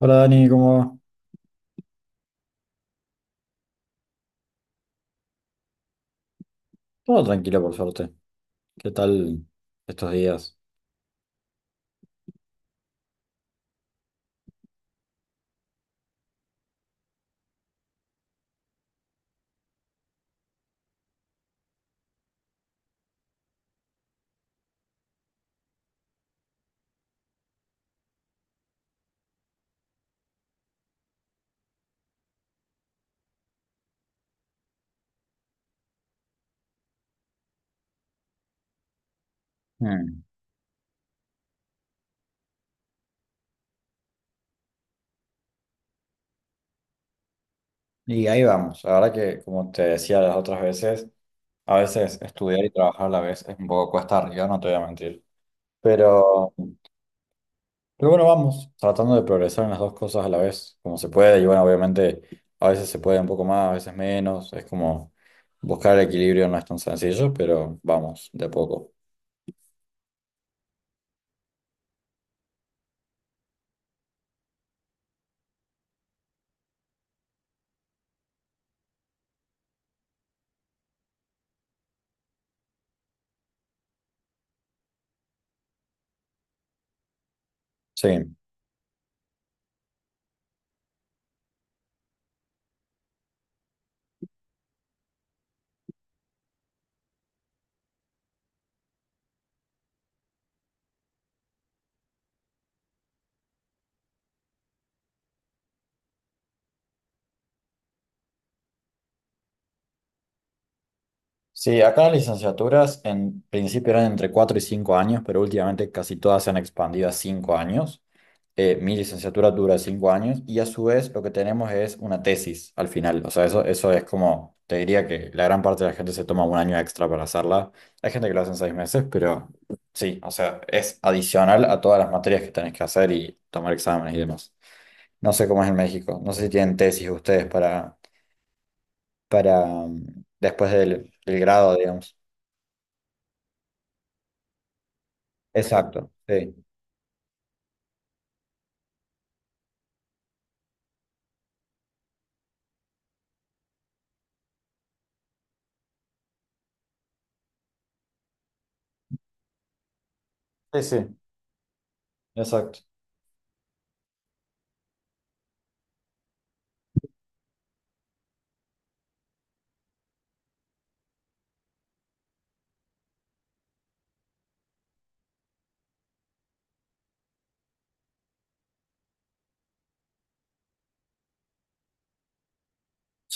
Hola Dani, ¿cómo va? Todo tranquilo por suerte. ¿Qué tal estos días? Mm. Y ahí vamos. La verdad que, como te decía las otras veces, a veces estudiar y trabajar a la vez es un poco cuesta arriba, no te voy a mentir. Pero, pero bueno, vamos, tratando de progresar en las dos cosas a la vez, como se puede. Y bueno, obviamente, a veces se puede un poco más, a veces menos. Es como buscar el equilibrio no es tan sencillo, pero vamos, de a poco. Sí. Sí, acá las licenciaturas en principio eran entre 4 y 5 años, pero últimamente casi todas se han expandido a 5 años. Mi licenciatura dura 5 años y a su vez lo que tenemos es una tesis al final. O sea, eso es como, te diría que la gran parte de la gente se toma un año extra para hacerla. Hay gente que lo hace en 6 meses, pero sí, o sea, es adicional a todas las materias que tenés que hacer y tomar exámenes y demás. No sé cómo es en México, no sé si tienen tesis ustedes para, para después del grado, digamos. Exacto, sí. Sí, sí, exacto.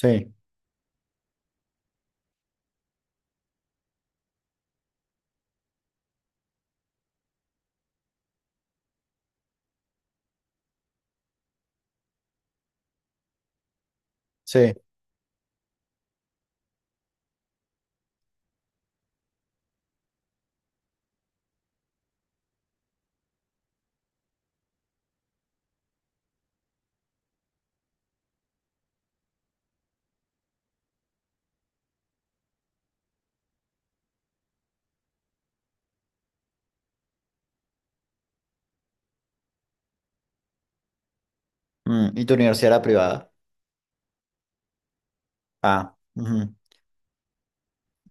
Sí, sí. ¿Y tu universidad era privada? Ah, ujú,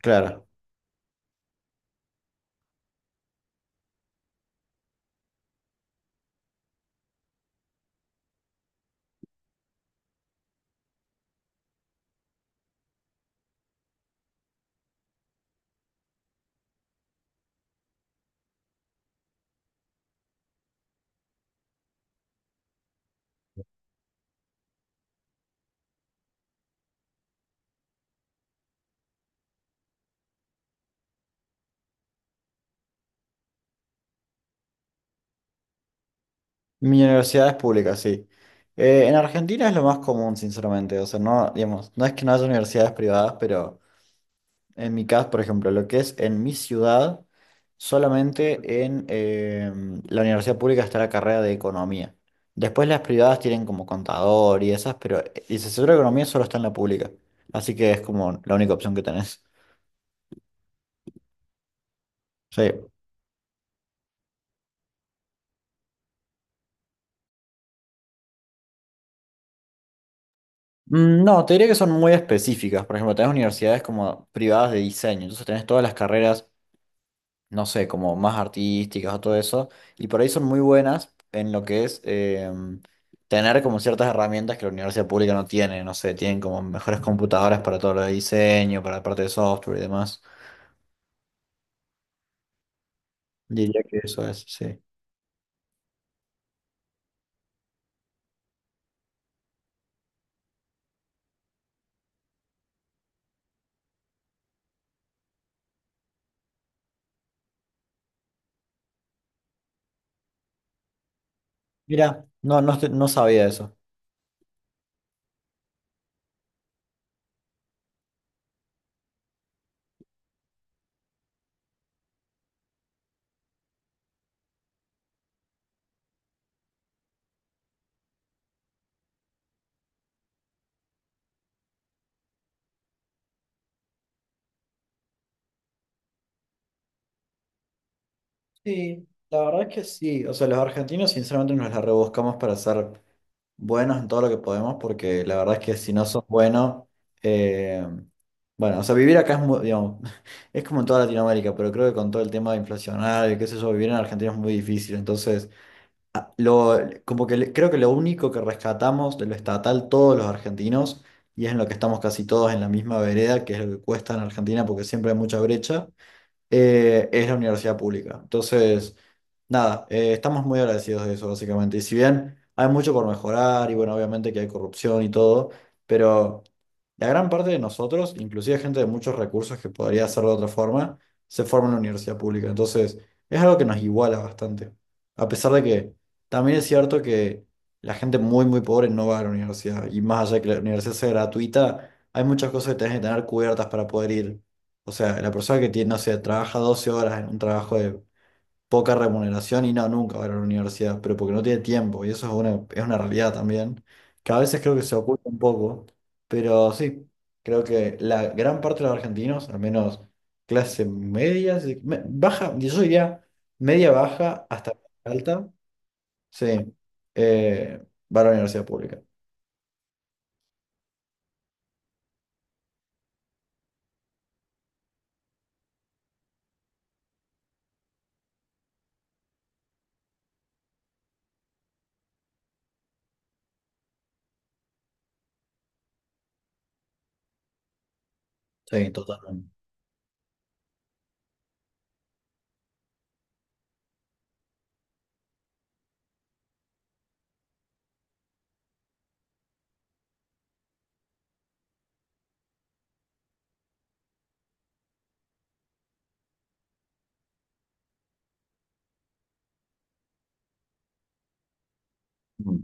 claro. Mi universidad es pública, sí. En Argentina es lo más común, sinceramente. O sea, no, digamos, no es que no haya universidades privadas, pero en mi caso, por ejemplo, lo que es en mi ciudad, solamente en la universidad pública está la carrera de economía. Después las privadas tienen como contador y esas, pero licenciatura de economía solo está en la pública. Así que es como la única opción que tenés. Sí. No, te diría que son muy específicas. Por ejemplo, tenés universidades como privadas de diseño, entonces tenés todas las carreras, no sé, como más artísticas o todo eso, y por ahí son muy buenas en lo que es tener como ciertas herramientas que la universidad pública no tiene, no sé, tienen como mejores computadoras para todo lo de diseño, para la parte de software y demás. Diría que eso es, sí. Mira, no, no, no sabía eso. Sí, la verdad es que sí. O sea, los argentinos sinceramente nos la rebuscamos para ser buenos en todo lo que podemos, porque la verdad es que si no sos bueno, eh, bueno, o sea, vivir acá es muy, digamos, es como en toda Latinoamérica, pero creo que con todo el tema inflacionario, y qué sé yo, vivir en Argentina es muy difícil. Entonces, a- lo, como que creo que lo único que rescatamos de lo estatal todos los argentinos, y es en lo que estamos casi todos en la misma vereda, que es lo que cuesta en Argentina, porque siempre hay mucha brecha es la universidad pública. Entonces, nada, estamos muy agradecidos de eso, básicamente. Y si bien hay mucho por mejorar, y bueno, obviamente que hay corrupción y todo, pero la gran parte de nosotros, inclusive gente de muchos recursos que podría hacerlo de otra forma, se forma en la universidad pública. Entonces, es algo que nos iguala bastante. A pesar de que también es cierto que la gente muy, muy pobre no va a la universidad. Y más allá de que la universidad sea gratuita, hay muchas cosas que tenés que tener cubiertas para poder ir. O sea, la persona que tiene, no sé, trabaja 12 horas en un trabajo de poca remuneración y no, nunca va a ir a la universidad, pero porque no tiene tiempo, y eso es una realidad también, que a veces creo que se oculta un poco, pero sí, creo que la gran parte de los argentinos, al menos clase media, sí, baja, yo diría media baja hasta alta, sí, eh, va a la universidad pública. Sí, totalmente. Mm.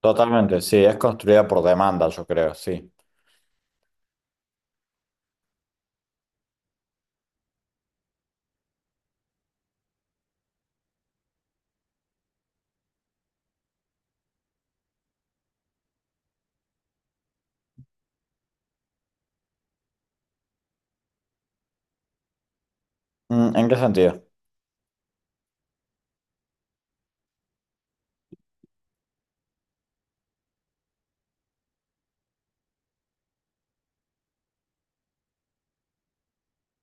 Totalmente, sí, es construida por demanda, yo creo, sí. ¿En qué sentido?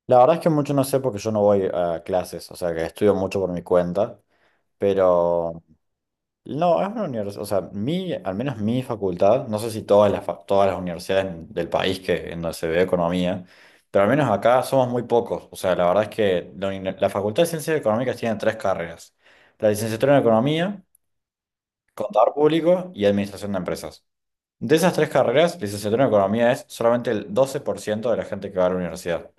La verdad es que mucho no sé porque yo no voy a clases, o sea que estudio mucho por mi cuenta, pero no, es una universidad, o sea, mi, al menos mi facultad, no sé si todas todas las universidades del país que, en donde se ve economía, pero al menos acá somos muy pocos, o sea, la verdad es que la Facultad de Ciencias Económicas tiene tres carreras, la licenciatura en Economía, Contador Público y Administración de Empresas. De esas tres carreras, licenciatura en economía es solamente el 12% de la gente que va a la universidad.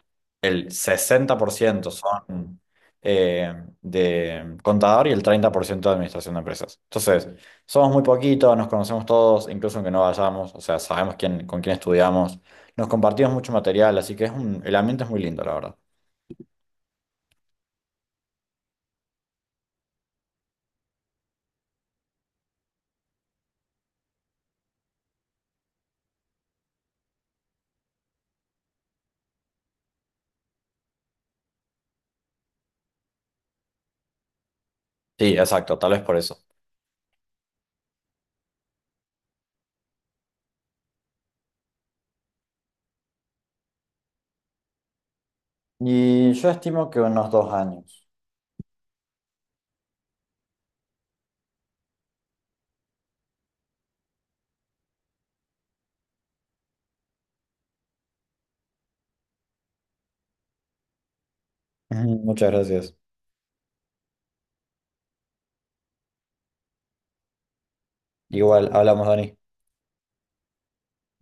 El 60% son eh, de contador y el 30% de administración de empresas. Entonces, somos muy poquitos, nos conocemos todos, incluso aunque no vayamos, o sea, sabemos quién, con quién estudiamos, nos compartimos mucho material, así que es un, el ambiente es muy lindo, la verdad. Sí, exacto, tal vez por eso. Y yo estimo que unos 2 años. Ujú, muchas gracias. Igual, hablamos, Dani.